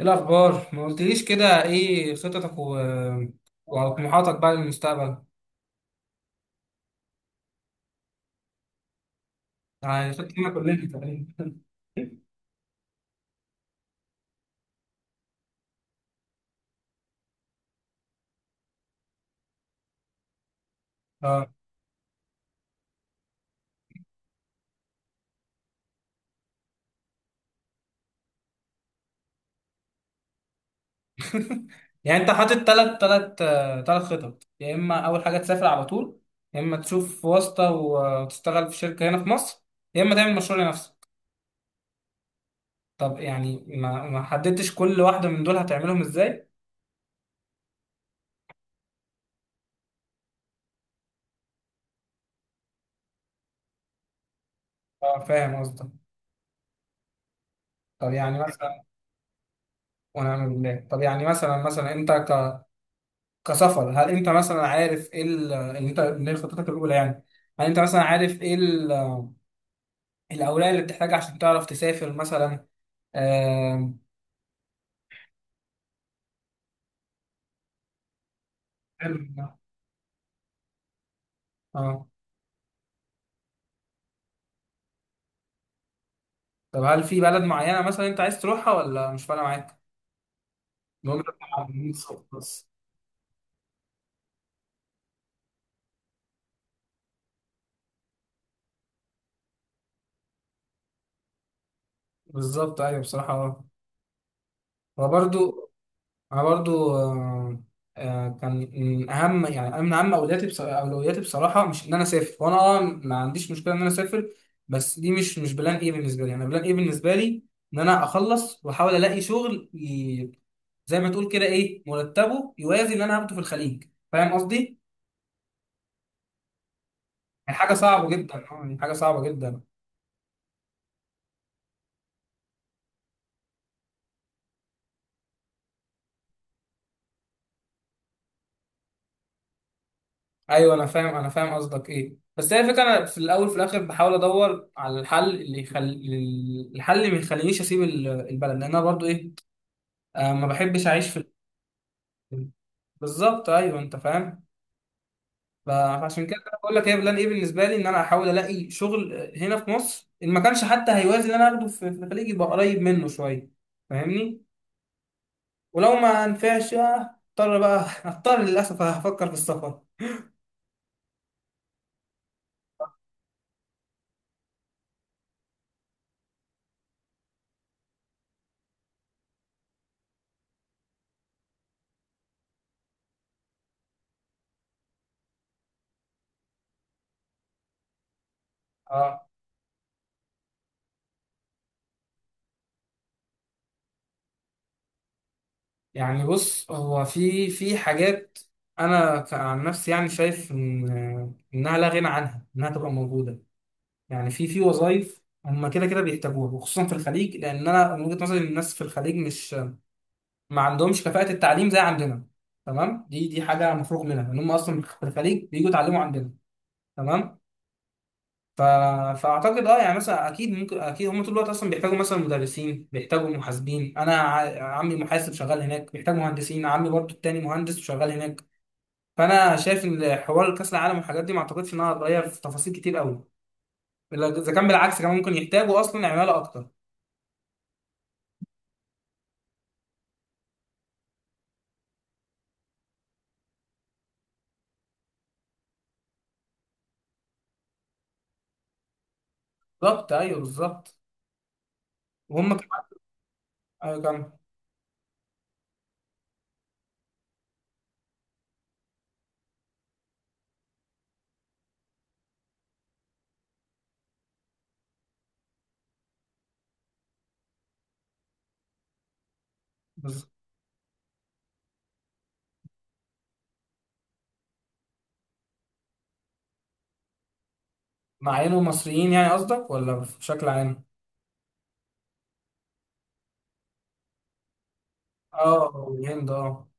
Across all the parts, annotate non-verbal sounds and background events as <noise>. ايه الاخبار؟ ما قلتليش كده ايه خططك وطموحاتك بقى للمستقبل. يعني خطتنا كلنا تقريبا. <laughs> اه. يعني انت حاطط ثلاث خطط، يا اما اول حاجه تسافر على طول، يا اما تشوف واسطه وتشتغل في شركه هنا في مصر، يا اما تعمل مشروع لنفسك. طب يعني ما حددتش كل واحده من دول هتعملهم ازاي؟ اه، فاهم قصدك. طب يعني مثلا. ونعم بالله. طب يعني مثلا انت كسفر، هل انت مثلا عارف ايه اللي هي خطتك الاولى يعني؟ هل انت مثلا عارف ايه الاوراق اللي بتحتاجها عشان تعرف تسافر مثلا؟ آم، حلو. ده. اه. طب هل في بلد معينه مثلا انت عايز تروحها ولا مش فارقه معاك؟ المهم إنك تبقى عاملين صوت بس. بالظبط، ايوه، بصراحه، اه. وبرده. انا برضو كان من اهم، يعني من اهم اولوياتي اولوياتي بصراحه، مش ان انا اسافر، وانا ما عنديش مشكله ان انا اسافر. بس دي مش بلان ايه بالنسبه لي، انا بلان ايه بالنسبه لي ان انا اخلص واحاول الاقي شغل زي ما تقول كده ايه، مرتبه يوازي اللي انا هاخده في الخليج. فاهم قصدي؟ يعني حاجه صعبه جدا، يعني حاجه صعبه جدا. ايوه، انا فاهم قصدك ايه، بس هي الفكره، انا في الاول في الاخر بحاول ادور على الحل اللي الحل اللي ما يخلينيش اسيب البلد، لان انا برضو ايه، ما بحبش اعيش في. بالظبط، ايوه، انت فاهم. فعشان كده انا بقول لك هي بلان ايه بالنسبه لي، ان انا احاول الاقي شغل هنا في مصر، ان ما كانش حتى هيوازي اللي انا اخده في الخليج، يبقى قريب منه شويه. فاهمني؟ ولو ما نفعش، اضطر بقى <laughs> اضطر للاسف هفكر في السفر. اه، يعني بص، هو في حاجات، انا عن نفسي يعني شايف ان انها لا غنى عنها، انها تبقى موجوده. يعني في وظائف هم كده كده بيحتاجوها، وخصوصا في الخليج، لان انا من وجهة نظري إن الناس في الخليج مش. ما عندهمش كفاءة التعليم زي عندنا. تمام، دي حاجة مفروغ منها ان هم اصلا في الخليج بييجوا يتعلموا عندنا. تمام. ف... فاعتقد يعني مثلا اكيد ممكن، اكيد هم طول الوقت اصلا بيحتاجوا مثلا مدرسين، بيحتاجوا محاسبين، انا عمي محاسب شغال هناك، بيحتاج مهندسين. عمي برضو التاني مهندس وشغال هناك. فانا شايف ان حوار كاس العالم والحاجات دي ما اعتقدش انها هتغير في تفاصيل كتير قوي، الا اذا كان بالعكس، كمان ممكن يحتاجوا اصلا عماله اكتر. بالظبط، ايوه، بالظبط. وهم كمان. ايوه كمان. بالظبط. مع انه مصريين يعني قصدك؟ ولا بشكل عام؟ اه، الهند، اه.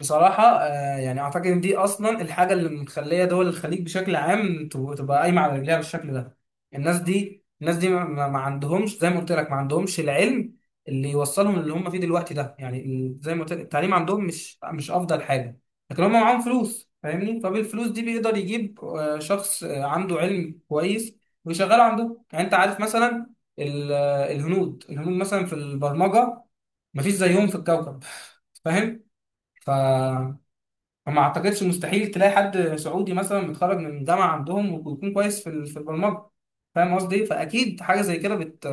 بصراحة، يعني أعتقد إن دي أصلا الحاجة اللي مخلية دول الخليج بشكل عام تبقى قايمة على رجليها بالشكل ده. الناس دي ما عندهمش، زي ما قلت لك، ما عندهمش العلم اللي يوصلهم اللي هم فيه دلوقتي ده، يعني زي ما قلت لك التعليم عندهم مش أفضل حاجة. لكن هم معاهم فلوس، فاهمني؟ فبالفلوس دي بيقدر يجيب شخص عنده علم كويس، ويشغله عندهم. يعني أنت عارف مثلا الهنود مثلا في البرمجة، مفيش زيهم في الكوكب، فاهم؟ ف فما اعتقدش، مستحيل تلاقي حد سعودي مثلا متخرج من جامعه عندهم ويكون كويس في البرمجه. فاهم قصدي؟ فاكيد حاجه زي كده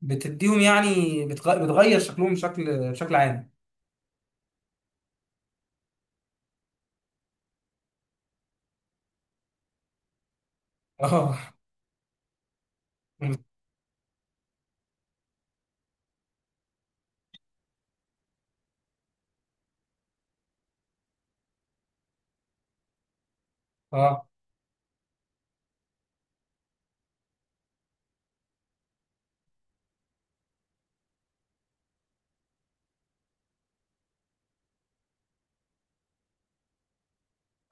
بتديهم يعني، بتغير شكلهم بشكل عام. <laughs> اه. اه.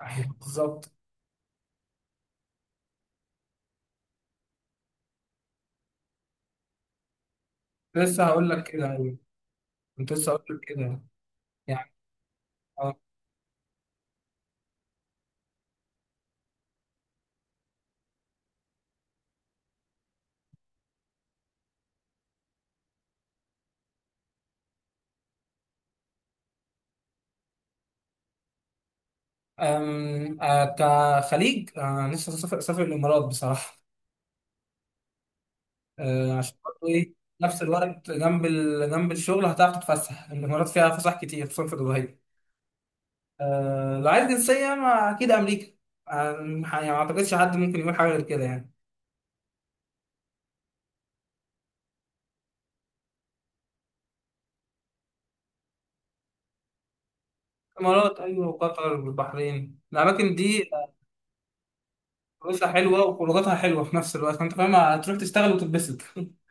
أيوة، بالظبط. لسه هقول لك كده، ايوه. كنت لسه هقول لك كده. يعني اه. أم، آه، كخليج، لسه سافر الامارات بصراحه، عشان برضه ايه، نفس الوقت جنب جنب الشغل هتعرف تتفسح. الامارات فيها فسح كتير، خصوصا في دبي. لو عايز جنسية، ما أكيد أمريكا. آه، يعني ما أعتقدش حد ممكن يقول حاجة غير كده يعني. الإمارات، أيوة، وقطر والبحرين، الأماكن دي فلوسها حلوة وخروجاتها حلوة في نفس الوقت، فأنت فاهم، هتروح تشتغل وتتبسط. <laughs>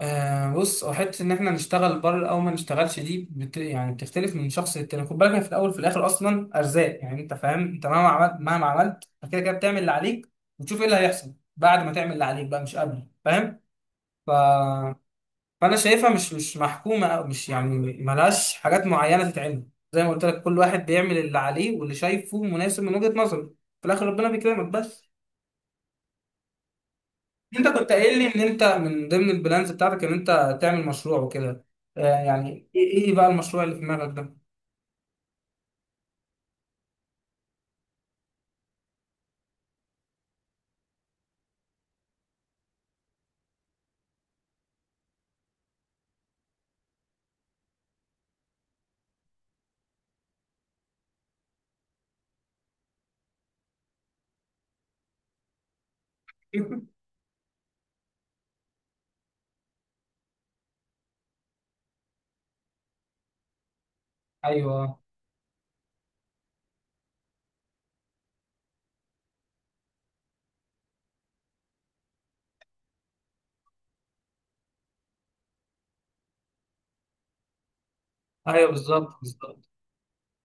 آه، بص، هو حتة إن إحنا نشتغل بره أو ما نشتغلش دي يعني بتختلف من شخص للتاني. خد بالك، هي في الأول وفي الآخر أصلا أرزاق، يعني أنت فاهم، أنت مهما عملت مهما عملت أنت كده كده بتعمل اللي عليك، وتشوف إيه اللي هيحصل بعد ما تعمل اللي عليك بقى، مش قبل، فاهم؟ فانا شايفها مش محكومه، او مش يعني، ملهاش حاجات معينه تتعمل. زي ما قلت لك، كل واحد بيعمل اللي عليه واللي شايفه مناسب من وجهه نظره. في الاخر ربنا بيكرمك بس. انت كنت قايل لي ان انت من ضمن البلانز بتاعتك ان انت تعمل مشروع وكده، آه يعني ايه، إيه بقى المشروع اللي في دماغك ده؟ <laughs> ايوه، ايوه، بالظبط، بالظبط.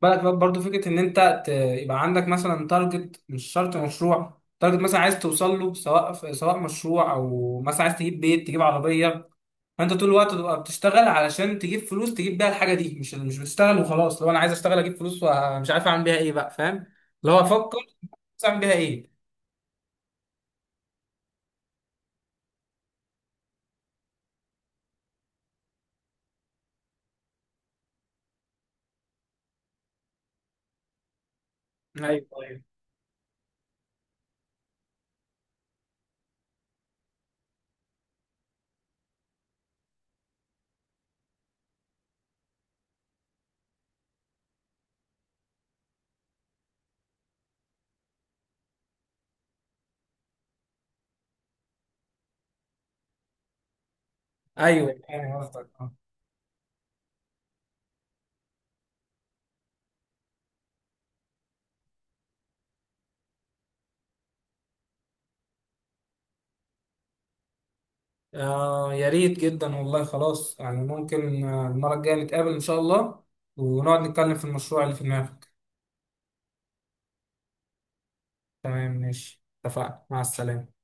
بالك بقى برضه فكره ان انت يبقى عندك مثلا تارجت، مش شرط مشروع، تارجت مثلا عايز توصل له، سواء سواء مشروع، او مثلا عايز تجيب بيت، تجيب عربيه، فانت طول الوقت تبقى بتشتغل علشان تجيب فلوس، تجيب بيها الحاجه دي، مش بتشتغل وخلاص. لو انا عايز اشتغل اجيب فلوس ومش عارف اعمل بيها ايه بقى، فاهم؟ اللي هو افكر اعمل بيها ايه. ايوه، ايوه، ايوه، يعني قصدك، اه. يا ريت جدا والله. خلاص، يعني ممكن المره الجايه نتقابل ان شاء الله، ونقعد نتكلم في المشروع اللي في دماغك. تمام، ماشي، اتفقنا، مع السلامه.